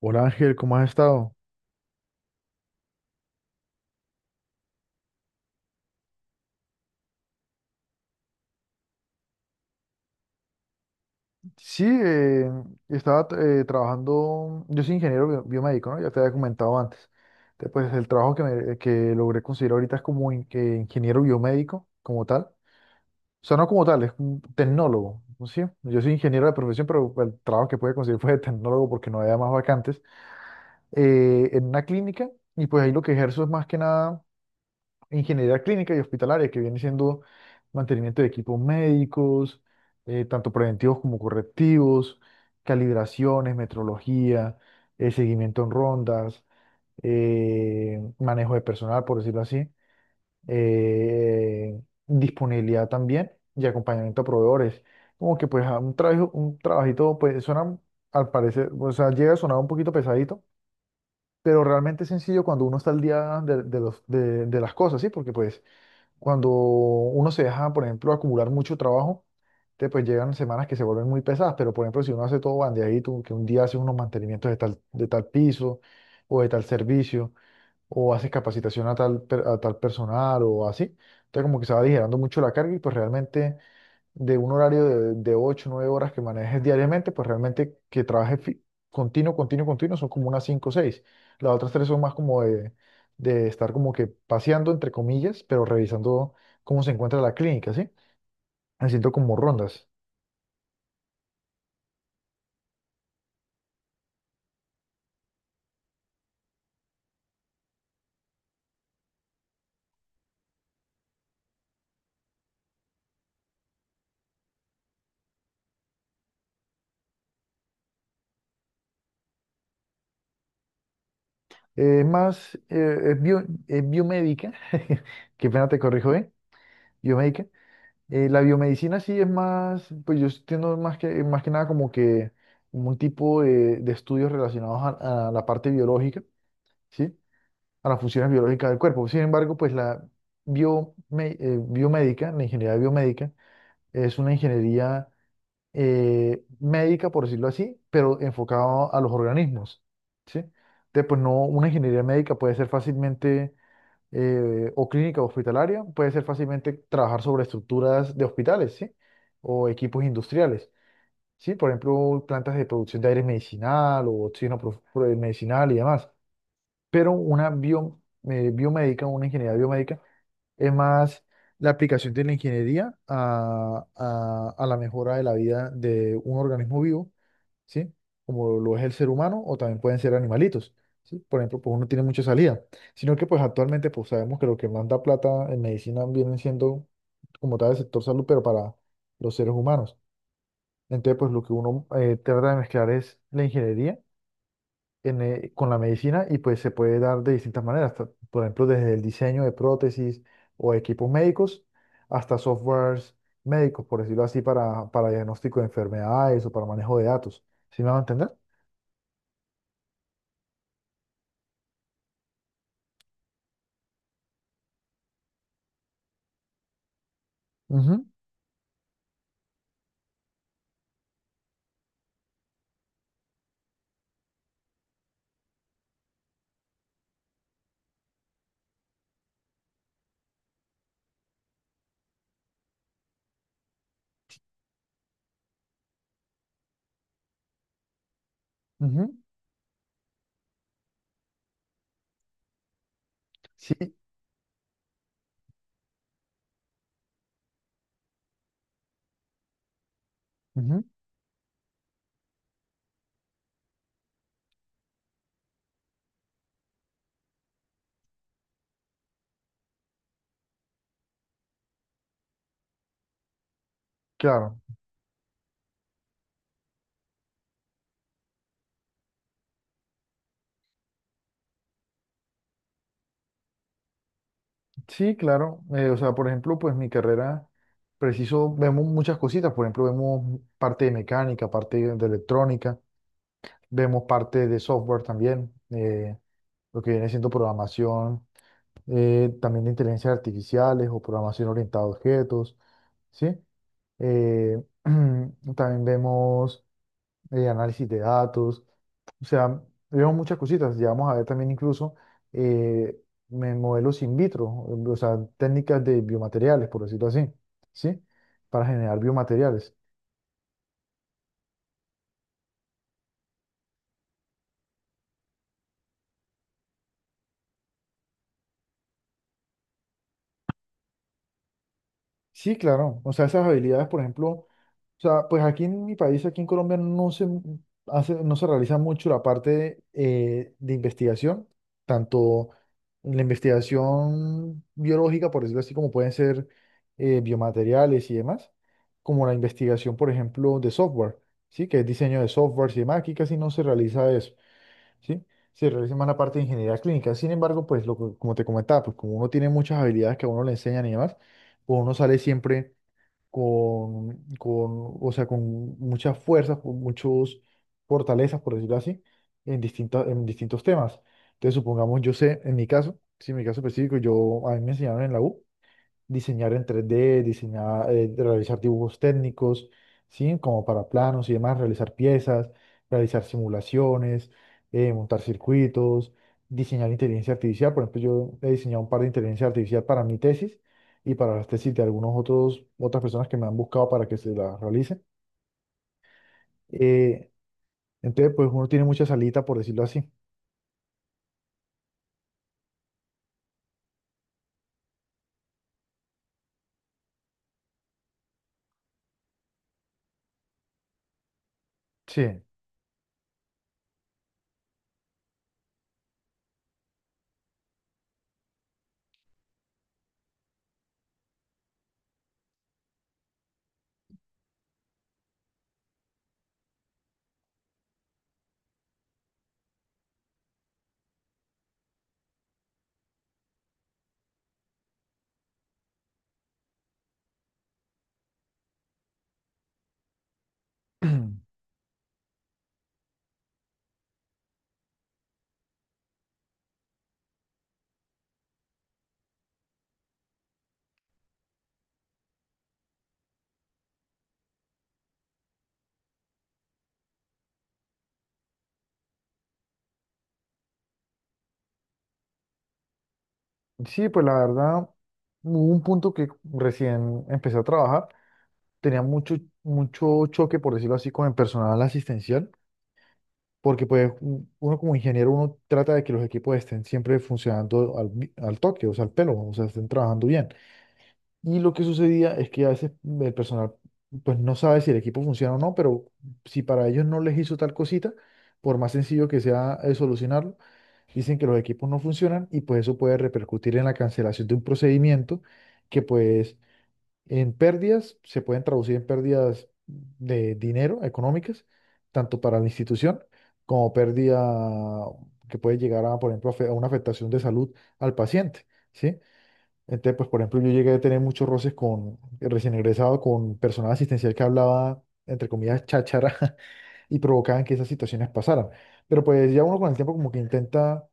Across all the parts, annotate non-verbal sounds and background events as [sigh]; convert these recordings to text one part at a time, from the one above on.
Hola Ángel, ¿cómo has estado? Sí, estaba trabajando. Yo soy ingeniero biomédico, ¿no? Ya te había comentado antes. Entonces, pues el trabajo que, que logré conseguir ahorita es como que ingeniero biomédico, como tal. O sea, no como tal, es un tecnólogo, ¿no? ¿Sí? Yo soy ingeniero de profesión, pero el trabajo que pude conseguir [laughs] fue de tecnólogo porque no había más vacantes en una clínica. Y pues ahí lo que ejerzo es más que nada ingeniería clínica y hospitalaria, que viene siendo mantenimiento de equipos médicos, tanto preventivos como correctivos, calibraciones, metrología, seguimiento en rondas, manejo de personal, por decirlo así, eh, disponibilidad también y acompañamiento a proveedores. Como que pues a un trabajo, un trabajito, pues suena al parecer, o sea, llega a sonar un poquito pesadito, pero realmente es sencillo cuando uno está al día de los, de las cosas, ¿sí? Porque pues cuando uno se deja, por ejemplo, acumular mucho trabajo, te pues llegan semanas que se vuelven muy pesadas, pero por ejemplo, si uno hace todo bandeadito, que un día haces unos mantenimientos de tal piso o de tal servicio, o haces capacitación a tal, a tal personal o así, entonces como que se va aligerando mucho la carga y pues realmente de un horario de 8 9 horas que manejes diariamente, pues realmente que trabajes continuo, continuo, continuo son como unas 5 o 6. Las otras 3 son más como de estar como que paseando, entre comillas, pero revisando cómo se encuentra la clínica, ¿sí? Haciendo como rondas. Más, es es biomédica, [laughs] qué pena te corrijo, ¿eh? Biomédica. La biomedicina sí es más, pues yo entiendo más que nada como que un tipo de estudios relacionados a la parte biológica. ¿Sí? A las funciones biológicas del cuerpo. Sin embargo, pues la biomédica, la ingeniería biomédica, es una ingeniería médica, por decirlo así, pero enfocada a los organismos, ¿sí? Entonces, pues no, una ingeniería médica puede ser fácilmente, o clínica o hospitalaria, puede ser fácilmente trabajar sobre estructuras de hospitales, ¿sí? O equipos industriales. Sí, por ejemplo, plantas de producción de aire medicinal o oxígeno medicinal y demás. Pero una biomédica, una ingeniería biomédica, es más la aplicación de la ingeniería a la mejora de la vida de un organismo vivo, ¿sí? Como lo es el ser humano o también pueden ser animalitos, ¿sí? Por ejemplo, pues uno tiene mucha salida, sino que pues actualmente pues sabemos que lo que manda plata en medicina viene siendo como tal el sector salud, pero para los seres humanos. Entonces, pues lo que uno trata de mezclar es la ingeniería con la medicina y pues se puede dar de distintas maneras, por ejemplo, desde el diseño de prótesis o equipos médicos hasta softwares médicos, por decirlo así, para diagnóstico de enfermedades o para manejo de datos. ¿Sí me van a entender? Ujú, ujú, sí, ujú, claro. Sí, claro. O sea, por ejemplo, pues mi carrera, preciso, vemos muchas cositas. Por ejemplo, vemos parte de mecánica, parte de electrónica, vemos parte de software también, lo que viene siendo programación también de inteligencias artificiales o programación orientada a objetos, ¿sí? Eh, [clears throat] también vemos análisis de datos, o sea, vemos muchas cositas, llegamos a ver también incluso eh, modelos in vitro, o sea, técnicas de biomateriales, por decirlo así, ¿sí? Para generar biomateriales. Sí, claro. O sea, esas habilidades, por ejemplo, o sea, pues aquí en mi país, aquí en Colombia, no se hace, no se realiza mucho la parte de investigación, tanto la investigación biológica, por decirlo así, como pueden ser biomateriales y demás, como la investigación, por ejemplo, de software, ¿sí? Que es diseño de software y demás. Aquí casi no se realiza eso. ¿Sí? Se realiza más la parte de ingeniería clínica. Sin embargo, pues lo, como te comentaba, pues como uno tiene muchas habilidades que a uno le enseñan y demás, pues uno sale siempre o sea, con muchas fuerzas, con muchas fortalezas, por decirlo así, en distintas, en distintos temas. Entonces, supongamos, yo sé, en mi caso, sí, en mi caso específico, yo, a mí me enseñaron en la U diseñar en 3D, diseñar, realizar dibujos técnicos, ¿sí? Como para planos y demás, realizar piezas, realizar simulaciones, montar circuitos, diseñar inteligencia artificial. Por ejemplo, yo he diseñado un par de inteligencia artificial para mi tesis y para las tesis de algunos otros, otras personas que me han buscado para que se las realice. Eh, entonces, pues uno tiene mucha salita, por decirlo así. Sí. [clears throat] Sí, pues la verdad, hubo un punto que recién empecé a trabajar tenía mucho, mucho choque, por decirlo así, con el personal asistencial, porque pues uno como ingeniero, uno trata de que los equipos estén siempre funcionando al toque, o sea, al pelo, o sea, estén trabajando bien. Y lo que sucedía es que a veces el personal pues no sabe si el equipo funciona o no, pero si para ellos no les hizo tal cosita, por más sencillo que sea solucionarlo, dicen que los equipos no funcionan y pues eso puede repercutir en la cancelación de un procedimiento que pues en pérdidas, se pueden traducir en pérdidas de dinero económicas, tanto para la institución como pérdida que puede llegar a, por ejemplo, a una afectación de salud al paciente, ¿sí? Entonces, pues, por ejemplo, yo llegué a tener muchos roces con, recién egresado, con personal asistencial que hablaba, entre comillas, cháchara [laughs] y provocaban que esas situaciones pasaran. Pero pues ya uno con el tiempo como que intenta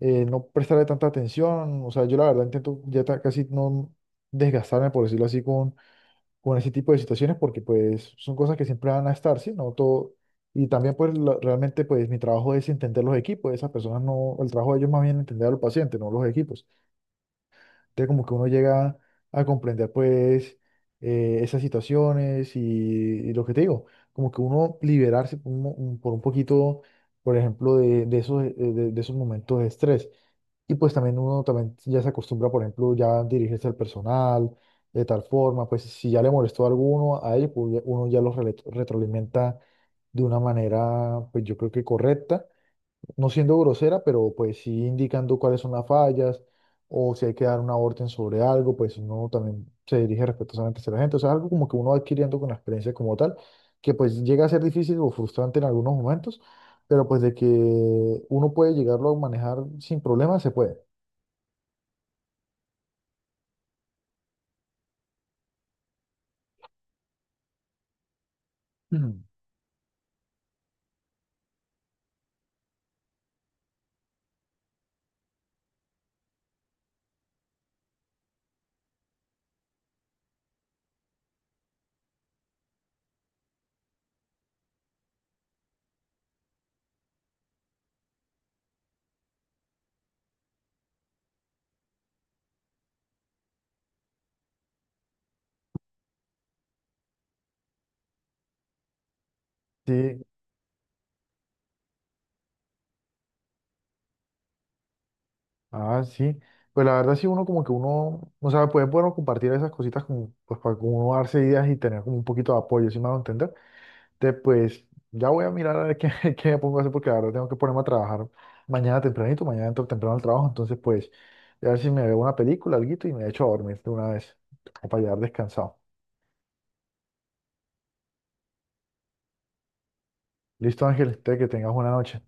no prestarle tanta atención, o sea, yo la verdad intento ya casi no desgastarme, por decirlo así, con ese tipo de situaciones porque pues son cosas que siempre van a estar, ¿sí? No todo. Y también pues realmente pues mi trabajo es entender los equipos, esas personas no, el trabajo de ellos más bien entender al paciente, no los equipos. Entonces como que uno llega a comprender pues esas situaciones y lo que te digo, como que uno liberarse por por un poquito, por ejemplo, de esos, de esos momentos de estrés. Y pues también uno también ya se acostumbra, por ejemplo, ya dirigirse al personal de tal forma, pues si ya le molestó a alguno, a ellos, pues uno ya los retroalimenta de una manera, pues yo creo que correcta, no siendo grosera, pero pues sí indicando cuáles son las fallas o si hay que dar una orden sobre algo, pues uno también se dirige respetuosamente hacia la gente, o sea, algo como que uno va adquiriendo con la experiencia como tal, que pues llega a ser difícil o frustrante en algunos momentos, pero pues de que uno puede llegarlo a manejar sin problemas, se puede. Mm. Sí, ah, sí. Pues la verdad sí, uno como que uno, o sea, pues es bueno compartir esas cositas como, pues para como uno darse ideas y tener como un poquito de apoyo, si me hago entender. Entonces, pues ya voy a mirar a ver qué, [laughs] qué me pongo a hacer porque la verdad tengo que ponerme a trabajar mañana tempranito, mañana entro temprano al trabajo, entonces pues a ver si me veo una película, alguito y me echo a dormir de una vez, como para llegar descansado. Listo, Ángel, te que tengas buena noche.